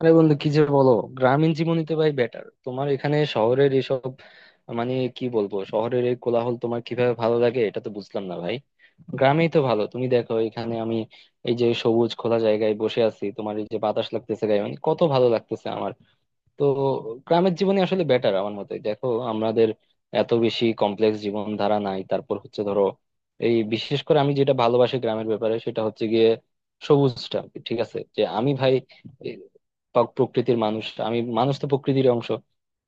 আরে বন্ধু, কি যে বলো। গ্রামীণ জীবনই তো ভাই বেটার। তোমার এখানে শহরের এসব মানে কি বলবো, শহরের এই কোলাহল তোমার কিভাবে ভালো লাগে এটা তো বুঝলাম না ভাই। গ্রামেই তো ভালো, তুমি দেখো এখানে আমি এই যে সবুজ খোলা জায়গায় বসে আছি, তোমার এই যে বাতাস লাগতেছে গায়ে, মানে কত ভালো লাগতেছে আমার। তো গ্রামের জীবনই আসলে বেটার আমার মতে। দেখো আমাদের এত বেশি কমপ্লেক্স জীবনধারা নাই। তারপর হচ্ছে ধরো, এই বিশেষ করে আমি যেটা ভালোবাসি গ্রামের ব্যাপারে সেটা হচ্ছে গিয়ে সবুজটা। ঠিক আছে যে আমি ভাই এই প্রকৃতির মানুষ। আমি মানুষ তো প্রকৃতির অংশ।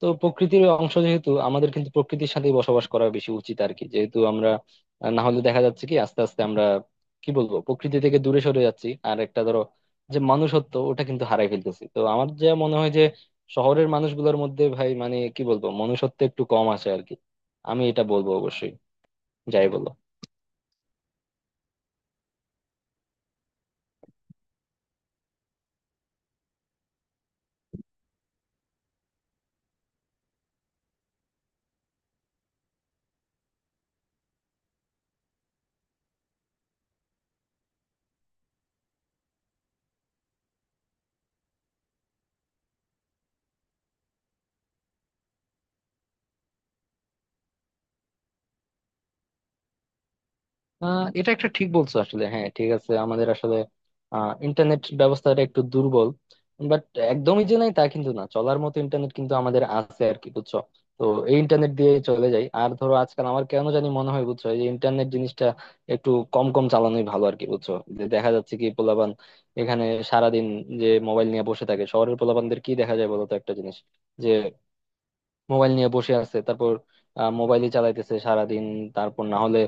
তো প্রকৃতির অংশ যেহেতু আমাদের কিন্তু প্রকৃতির সাথেই বসবাস করা বেশি উচিত আর কি, যেহেতু আমরা না হলে দেখা যাচ্ছে কি আস্তে আস্তে আমরা কি বলবো প্রকৃতি থেকে দূরে সরে যাচ্ছি। আর একটা ধরো, যে মানুষত্ব ওটা কিন্তু হারাই ফেলতেছি। তো আমার যা মনে হয় শহরের মানুষগুলোর মধ্যে ভাই মানে কি বলবো মনুষ্যত্ব একটু কম আছে আর কি। আমি এটা বলবো অবশ্যই, যাই বলো। এটা একটা ঠিক বলছো আসলে, হ্যাঁ ঠিক আছে। আমাদের আসলে ইন্টারনেট ব্যবস্থাটা একটু দুর্বল, বাট একদমই যে নাই তা কিন্তু না, চলার মতো ইন্টারনেট কিন্তু আমাদের আছে আর কি, বুঝছো। তো এই ইন্টারনেট দিয়ে চলে যাই। আর ধরো আজকাল আমার কেন জানি মনে হয় বুঝছো, এই যে ইন্টারনেট জিনিসটা একটু কম কম চালানোই ভালো আর কি, বুঝছো। যে দেখা যাচ্ছে কি পোলাপান এখানে সারাদিন যে মোবাইল নিয়ে বসে থাকে, শহরের পোলাপানদের কি দেখা যায় বলতো একটা জিনিস। মোবাইল নিয়ে বসে আছে, তারপর মোবাইলই চালাইতেছে সারাদিন। তারপর না হলে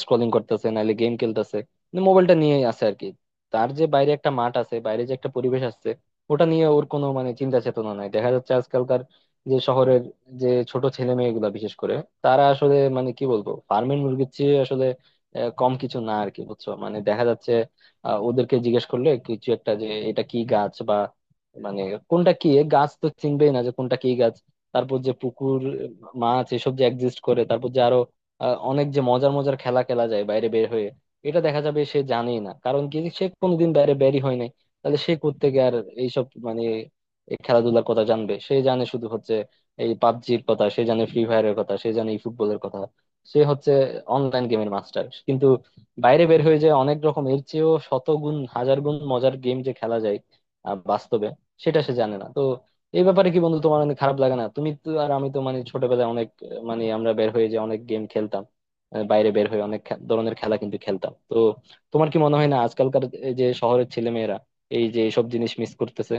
স্ক্রলিং করতেছে, নাহলে গেম খেলতেছে, মানে মোবাইলটা নিয়ে আছে আর কি। তার যে বাইরে একটা মাঠ আছে, বাইরে যে একটা পরিবেশ আছে, ওটা নিয়ে ওর কোনো মানে চিন্তা চেতনা নাই। দেখা যাচ্ছে আজকালকার যে শহরের যে ছোট ছেলে মেয়েগুলা বিশেষ করে তারা আসলে মানে কি বলবো ফার্মের মুরগির চেয়ে আসলে কম কিছু না আর কি, বুঝছো। মানে দেখা যাচ্ছে, ওদেরকে জিজ্ঞেস করলে কিছু একটা যে এটা কি গাছ বা মানে কোনটা কি গাছ তো চিনবেই না, যে কোনটা কি। তারপর যে পুকুর মাছ এসব যে এক্সিস্ট করে, তারপর যে আরো অনেক যে মজার মজার খেলা খেলা যায় বাইরে বের হয়ে, এটা দেখা যাবে সে জানেই না, কারণ কি সে কোনোদিন বাইরে বেরই হয় নাই। তাহলে সে কোত্থেকে আর এইসব মানে এই খেলাধুলার কথা জানবে। সে জানে শুধু হচ্ছে এই পাবজির কথা সে জানে, ফ্রি ফায়ারের কথা সে জানে, এই ফুটবলের কথা। সে হচ্ছে অনলাইন গেমের মাস্টার, কিন্তু বাইরে বের হয়ে যে অনেক রকম এর চেয়েও শত গুণ হাজার গুণ মজার গেম যে খেলা যায় বাস্তবে, সেটা সে জানে না। তো এই ব্যাপারে কি বন্ধু তোমার অনেক খারাপ লাগে না? তুমি তো আর আমি তো মানে ছোটবেলায় অনেক মানে আমরা বের হয়ে যে অনেক গেম খেলতাম। বাইরে বের হয়ে অনেক ধরনের খেলা কিন্তু খেলতাম তো। তোমার কি মনে হয় না আজকালকার এই যে শহরের ছেলে মেয়েরা এই যে সব জিনিস মিস করতেছে?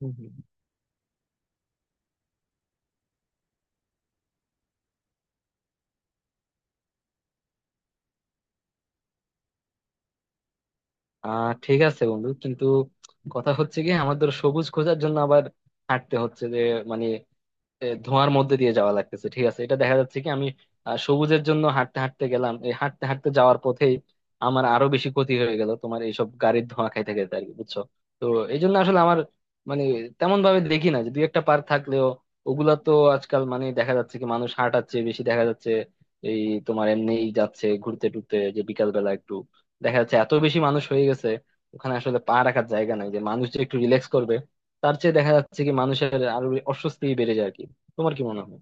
হুম, হুম। ঠিক আছে বন্ধু, কিন্তু কথা হচ্ছে কি আমাদের সবুজ খোঁজার জন্য আবার হাঁটতে হচ্ছে যে মানে ধোঁয়ার মধ্যে দিয়ে যাওয়া লাগতেছে। ঠিক আছে, এটা দেখা যাচ্ছে কি আমি সবুজের জন্য হাঁটতে হাঁটতে গেলাম, এই হাঁটতে হাঁটতে যাওয়ার পথেই আমার আরো বেশি ক্ষতি হয়ে গেল তোমার এইসব গাড়ির ধোঁয়া খাইতে খাইতে আর কি, বুঝছো। তো এই জন্য আসলে আমার মানে তেমন ভাবে দেখি না, যে দুই একটা পার্ক থাকলেও ওগুলা তো আজকাল মানে দেখা যাচ্ছে কি মানুষ হাঁটাচ্ছে বেশি, দেখা যাচ্ছে এই তোমার এমনিই যাচ্ছে ঘুরতে টুরতে যে বিকাল বেলা একটু, দেখা যাচ্ছে এত বেশি মানুষ হয়ে গেছে ওখানে আসলে পা রাখার জায়গা নাই যে মানুষ যে একটু রিল্যাক্স করবে। তার চেয়ে দেখা যাচ্ছে কি মানুষের আরো অস্বস্তি বেড়ে যায়। তোমার কি মনে হয়?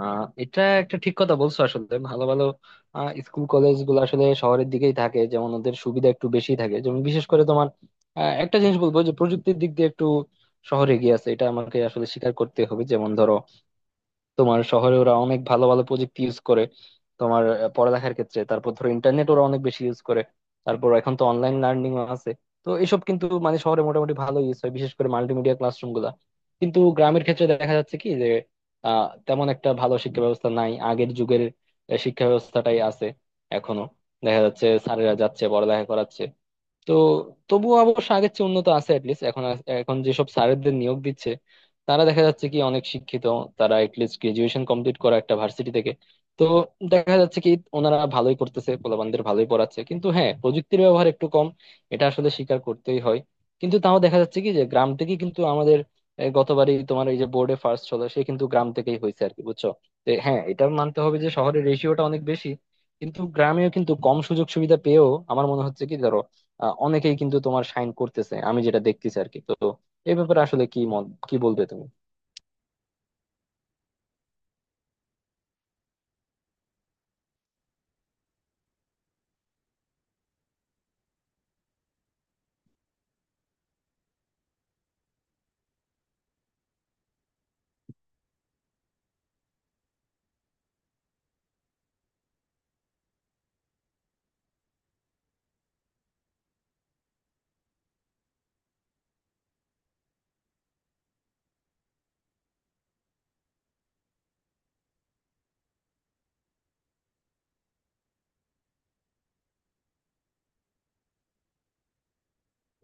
এটা একটা ঠিক কথা বলছো আসলে, ভালো ভালো স্কুল কলেজ গুলো আসলে শহরের দিকেই থাকে, যেমন ওদের সুবিধা একটু বেশি থাকে। যেমন বিশেষ করে তোমার একটা জিনিস বলবো যে প্রযুক্তির দিক দিয়ে একটু শহরে এগিয়ে আছে, এটা আমাকে আসলে স্বীকার করতে হবে। যেমন ধরো তোমার শহরে ওরা অনেক ভালো ভালো প্রযুক্তি ইউজ করে তোমার, পড়ালেখার ক্ষেত্রে। তারপর ধরো ইন্টারনেট ওরা অনেক বেশি ইউজ করে। তারপর এখন তো অনলাইন লার্নিং আছে। তো এসব কিন্তু মানে শহরে মোটামুটি ভালো ইউজ হয়, বিশেষ করে মাল্টিমিডিয়া ক্লাসরুম গুলা। কিন্তু গ্রামের ক্ষেত্রে দেখা যাচ্ছে কি যে তেমন একটা ভালো শিক্ষা ব্যবস্থা নাই, আগের যুগের শিক্ষা ব্যবস্থাটাই আছে এখনো। দেখা যাচ্ছে স্যারেরা যাচ্ছে পড়ালেখা করাচ্ছে। তো তবুও অবশ্য আগের চেয়ে উন্নত আছে অ্যাটলিস্ট। এখন এখন যেসব স্যারেদের নিয়োগ দিচ্ছে তারা দেখা যাচ্ছে কি অনেক শিক্ষিত। তারা অ্যাটলিস্ট গ্রাজুয়েশন কমপ্লিট করা একটা ভার্সিটি থেকে। তো দেখা যাচ্ছে কি ওনারা ভালোই করতেছে, পোলাপানদের ভালোই পড়াচ্ছে, কিন্তু হ্যাঁ প্রযুক্তির ব্যবহার একটু কম, এটা আসলে স্বীকার করতেই হয়। কিন্তু তাও দেখা যাচ্ছে কি যে গ্রাম থেকেই কিন্তু আমাদের গতবারই তোমার এই যে বোর্ডে ফার্স্ট হলো সে কিন্তু গ্রাম থেকেই হয়েছে আর কি, বুঝছো। তো হ্যাঁ এটা মানতে হবে যে শহরের রেশিওটা অনেক বেশি কিন্তু গ্রামেও কিন্তু কম সুযোগ সুবিধা পেয়েও আমার মনে হচ্ছে কি অনেকেই কিন্তু তোমার সাইন করতেছে, আমি যেটা দেখতেছি আর কি। তো এই ব্যাপারে আসলে কি মত কি বলবে তুমি?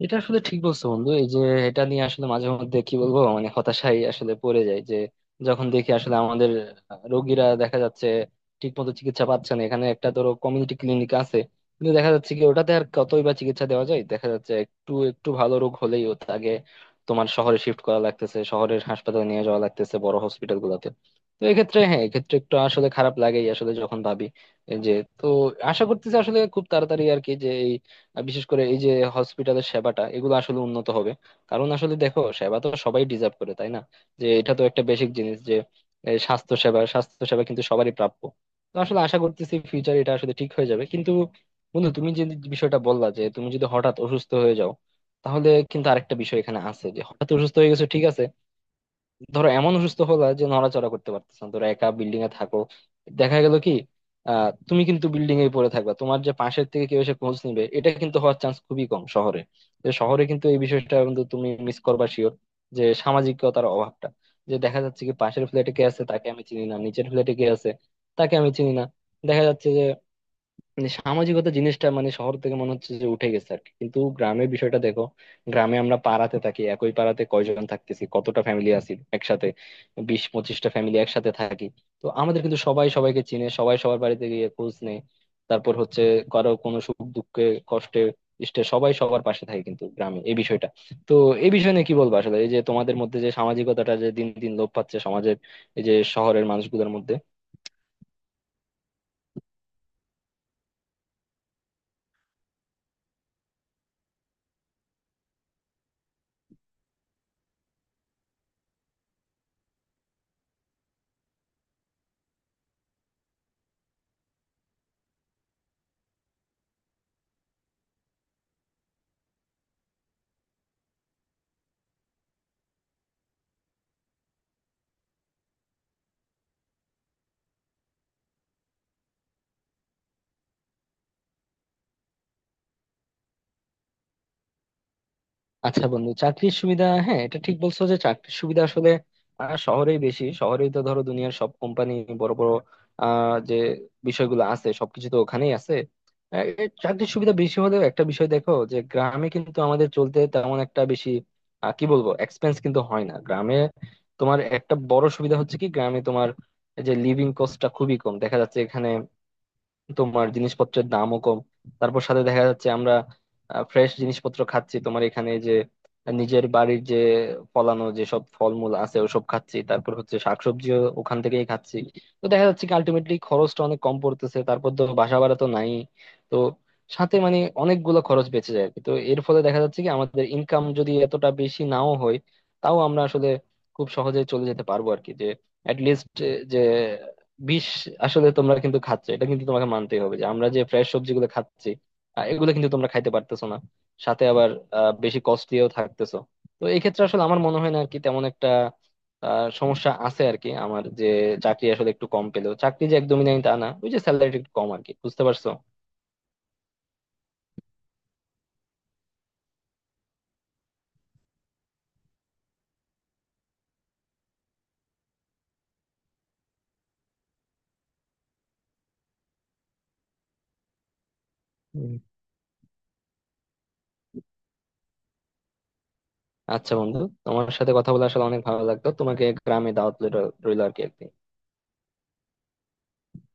এটা আসলে ঠিক বলছো বন্ধু, এই যে এটা নিয়ে আসলে মাঝে মধ্যে কি বলবো মানে হতাশাই আসলে পড়ে যায় যে যখন দেখি আসলে আমাদের রোগীরা দেখা যাচ্ছে ঠিক মতো চিকিৎসা পাচ্ছে না। এখানে একটা ধরো কমিউনিটি ক্লিনিক আছে, কিন্তু দেখা যাচ্ছে কি ওটাতে আর কতই বা চিকিৎসা দেওয়া যায়। দেখা যাচ্ছে একটু একটু ভালো রোগ হলেই ওর আগে তোমার শহরে শিফট করা লাগতেছে, শহরের হাসপাতালে নিয়ে যাওয়া লাগতেছে বড় হসপিটাল গুলোতে। তো এক্ষেত্রে হ্যাঁ এক্ষেত্রে একটু আসলে খারাপ লাগেই আসলে যখন ভাবি এই যে। তো আশা করতেছি আসলে খুব তাড়াতাড়ি আর কি, যে আর বিশেষ করে এই যে হসপিটালের সেবাটা এগুলো আসলে উন্নত হবে। কারণ আসলে দেখো সেবা তো সবাই ডিজার্ভ করে তাই না, যে এটা তো একটা বেসিক জিনিস, যে এই স্বাস্থ্য সেবা স্বাস্থ্য সেবা কিন্তু সবারই প্রাপ্য। তো আসলে আশা করতেছি ফিউচার এটা আসলে ঠিক হয়ে যাবে। কিন্তু বন্ধু তুমি যে বিষয়টা বললা যে তুমি যদি হঠাৎ অসুস্থ হয়ে যাও, তাহলে কিন্তু আরেকটা বিষয় এখানে আছে যে হঠাৎ অসুস্থ হয়ে গেছো ঠিক আছে, ধরো এমন অসুস্থ হলা যে নড়াচড়া করতে পারতেছ না, ধরো একা বিল্ডিং এ থাকো। দেখা গেল কি তুমি কিন্তু বিল্ডিং এ পড়ে থাকবা, তোমার যে পাশের থেকে কেউ এসে খোঁজ নিবে এটা কিন্তু হওয়ার চান্স খুবই কম শহরে। যে শহরে কিন্তু এই বিষয়টা কিন্তু তুমি মিস করবা শিওর, যে সামাজিকতার অভাবটা, যে দেখা যাচ্ছে কি পাশের ফ্ল্যাটে কে আছে তাকে আমি চিনি না, নিচের ফ্ল্যাটে কে আছে তাকে আমি চিনি না। দেখা যাচ্ছে যে মানে সামাজিকতা জিনিসটা মানে শহর থেকে মনে হচ্ছে যে উঠে গেছে আর কি। কিন্তু গ্রামের বিষয়টা দেখো, গ্রামে আমরা পাড়াতে থাকি, একই পাড়াতে কয়জন থাকতেছি কতটা ফ্যামিলি আছি একসাথে, 20-25টা ফ্যামিলি একসাথে থাকি। তো আমাদের কিন্তু সবাই সবাইকে চিনে, সবাই সবার বাড়িতে গিয়ে খোঁজ নেয়। তারপর হচ্ছে কারো কোনো সুখ দুঃখে কষ্টে ইষ্টে সবাই সবার পাশে থাকে, কিন্তু গ্রামে এই বিষয়টা। তো এই বিষয় নিয়ে কি বলবো আসলে এই যে তোমাদের মধ্যে যে সামাজিকতাটা যে দিন দিন লোপ পাচ্ছে সমাজের, এই যে শহরের মানুষগুলোর মধ্যে। আচ্ছা বন্ধু, চাকরির সুবিধা হ্যাঁ এটা ঠিক বলছো যে চাকরির সুবিধা আসলে শহরেই বেশি। শহরেই তো ধরো দুনিয়ার সব কোম্পানি বড় বড় যে বিষয়গুলো আছে সবকিছু তো ওখানেই আছে। এ চাকরির সুবিধা বেশি হলেও একটা বিষয় দেখো, যে গ্রামে কিন্তু আমাদের চলতে তেমন একটা বেশি কি বলবো এক্সপেন্স কিন্তু হয় না গ্রামে। তোমার একটা বড় সুবিধা হচ্ছে কি গ্রামে, তোমার এই যে লিভিং কস্টটা খুবই কম দেখা যাচ্ছে এখানে, তোমার জিনিসপত্রের দামও কম। তারপর সাথে দেখা যাচ্ছে আমরা ফ্রেশ জিনিসপত্র খাচ্ছি তোমার, এখানে যে নিজের বাড়ির যে ফলানো যেসব ফলমূল আছে ওসব খাচ্ছি, তারপর হচ্ছে শাকসবজিও ওখান থেকেই খাচ্ছি। তো দেখা যাচ্ছে কি আলটিমেটলি খরচটা অনেক কম পড়তেছে, তারপর তো বাসা ভাড়া তো নাই। তো সাথে মানে অনেকগুলো খরচ বেঁচে যায় আর কি। তো এর ফলে দেখা যাচ্ছে কি আমাদের ইনকাম যদি এতটা বেশি নাও হয়, তাও আমরা আসলে খুব সহজে চলে যেতে পারবো আর কি। যে অ্যাটলিস্ট যে বিষ আসলে তোমরা কিন্তু খাচ্ছ এটা কিন্তু তোমাকে মানতেই হবে, যে আমরা যে ফ্রেশ সবজিগুলো খাচ্ছি এগুলো কিন্তু তোমরা খাইতে পারতেছো না, সাথে আবার বেশি কস্টলিও থাকতেছো। তো এই ক্ষেত্রে আসলে আমার মনে হয় না আর কি তেমন একটা সমস্যা আছে আর কি, আমার যে চাকরি আসলে একটু কম পেলেও চাকরি যে একদমই নাই তা না, ওই যে স্যালারি একটু কম আর কি, বুঝতে পারছো? হুম। আচ্ছা বন্ধু, তোমার সাথে কথা বলে আসলে অনেক ভালো লাগতো, তোমাকে গ্রামে দাওয়াত রইলো আর কি একদিন।